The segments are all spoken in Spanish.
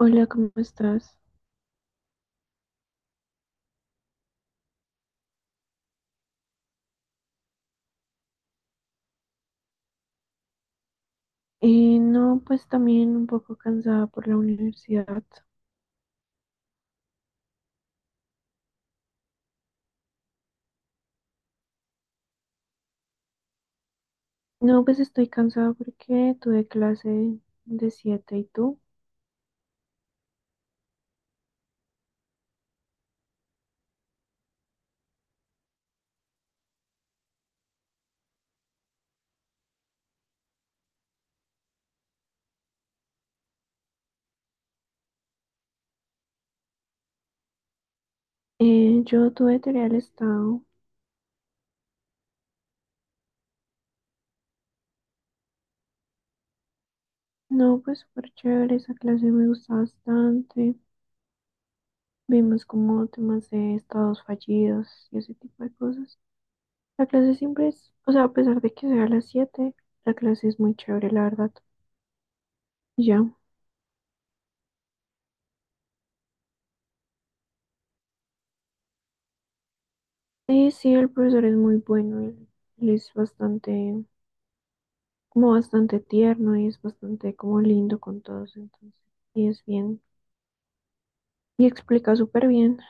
Hola, ¿cómo estás? No, pues también un poco cansada por la universidad. No, pues estoy cansada porque tuve clase de siete. ¿Y tú? Yo tuve teoría del Estado. No, pues súper chévere, esa clase me gustó bastante. Vimos como temas de estados fallidos y ese tipo de cosas. La clase siempre es, o sea, a pesar de que sea a las 7, la clase es muy chévere, la verdad. Y ya. Sí, el profesor es muy bueno, él es bastante, como bastante tierno, y es bastante como lindo con todos, entonces, y es bien, y explica súper bien.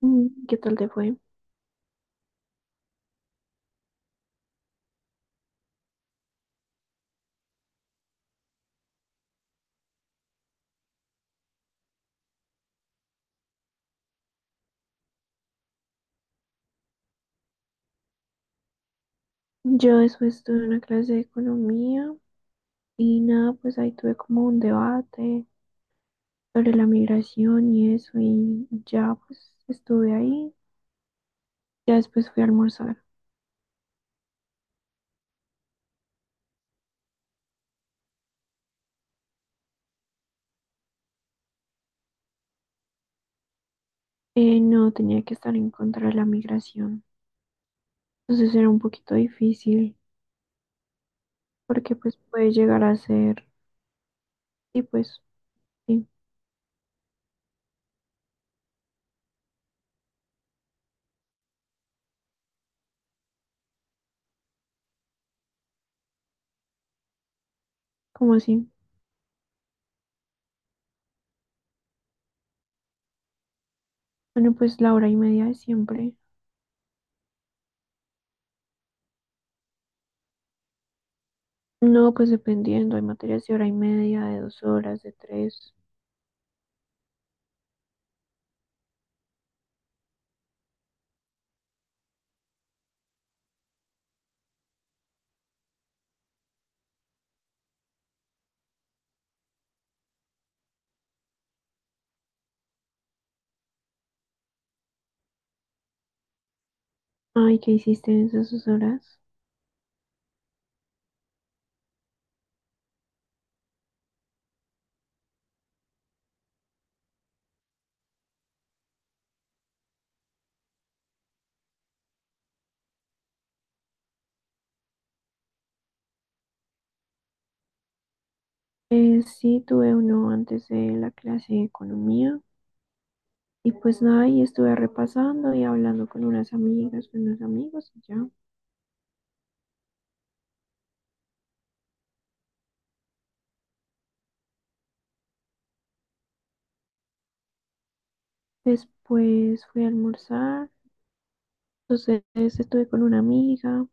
Mm. ¿Qué tal te fue? Yo después tuve una clase de economía y nada, pues ahí tuve como un debate sobre la migración y eso, y ya pues estuve ahí. Ya después fui a almorzar. No tenía que estar en contra de la migración. Entonces era un poquito difícil porque pues puede llegar a ser, y pues sí, como así? Bueno, pues la hora y media de siempre. No, pues dependiendo, hay materias de hora y media, de dos horas, de tres. Ay, ¿qué hiciste en esas dos horas? Sí, tuve uno antes de la clase de economía. Y pues nada, y estuve repasando y hablando con unas amigas, con unos amigos, y ya. Después fui a almorzar. Entonces estuve con una amiga,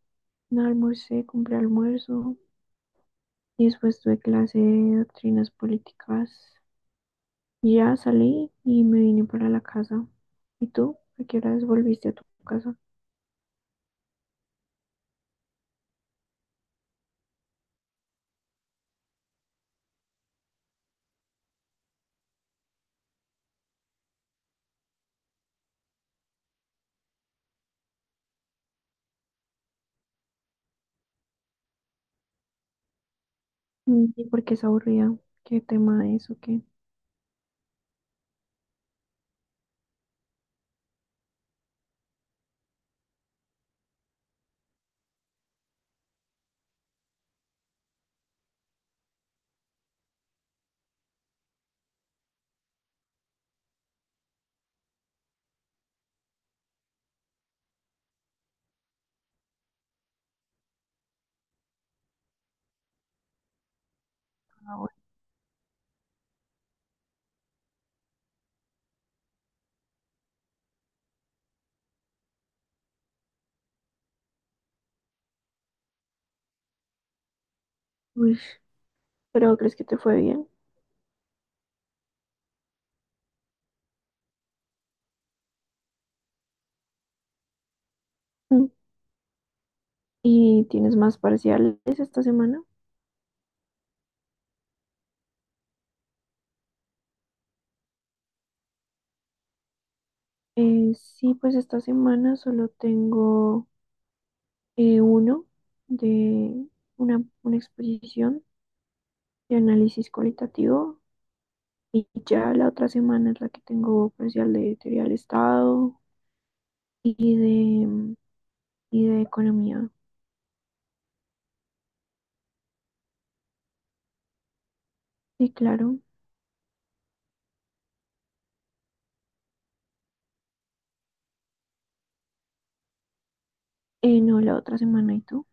nada, almorcé, compré almuerzo. Y después tuve clase de doctrinas políticas. Ya salí y me vine para la casa. ¿Y tú? ¿A qué horas volviste a tu casa? Mm. ¿Y por qué es aburrida? ¿Qué tema es o qué? Ah, bueno. Uy, ¿pero crees que te fue bien? Mm. ¿Y tienes más parciales esta semana? Sí, pues esta semana solo tengo uno de una exposición de análisis cualitativo, y ya la otra semana es la que tengo parcial de teoría del Estado y de, y de economía. Sí, claro. No, la otra semana. ¿Y tú?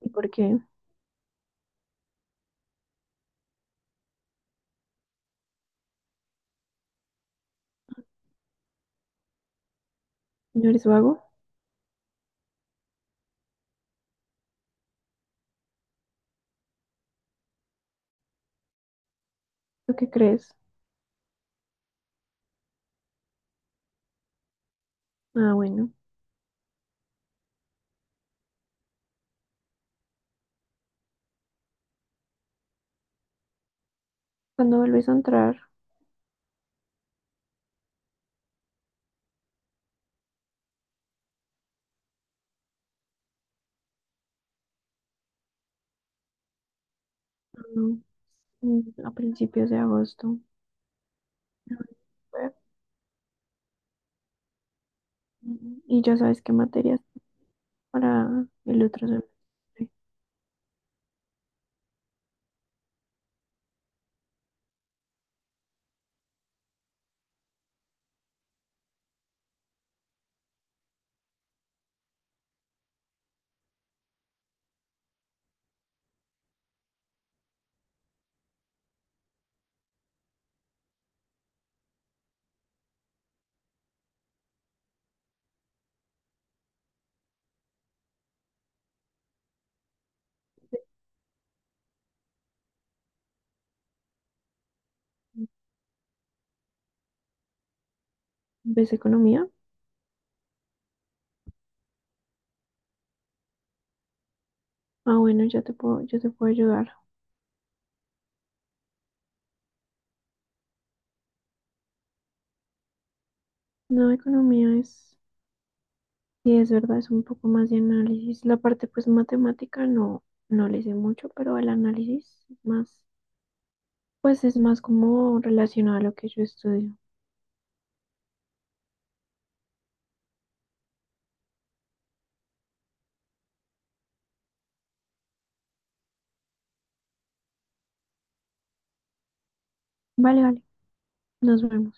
¿Y por qué? ¿No eres vago? ¿Lo que crees? Ah, bueno. ¿Cuándo vuelves a entrar? No, mm, a principios de agosto. Ah, bueno. Mm, ¿y ya sabes qué materias para el otro semestre? ¿Ves economía? Ah, bueno, ya te puedo, yo te puedo ayudar. No, economía es, sí, es verdad, es un poco más de análisis. La parte, pues, matemática no, no le sé mucho, pero el análisis es más. Pues es más como relacionado a lo que yo estudio. Vale, vale, nos vemos.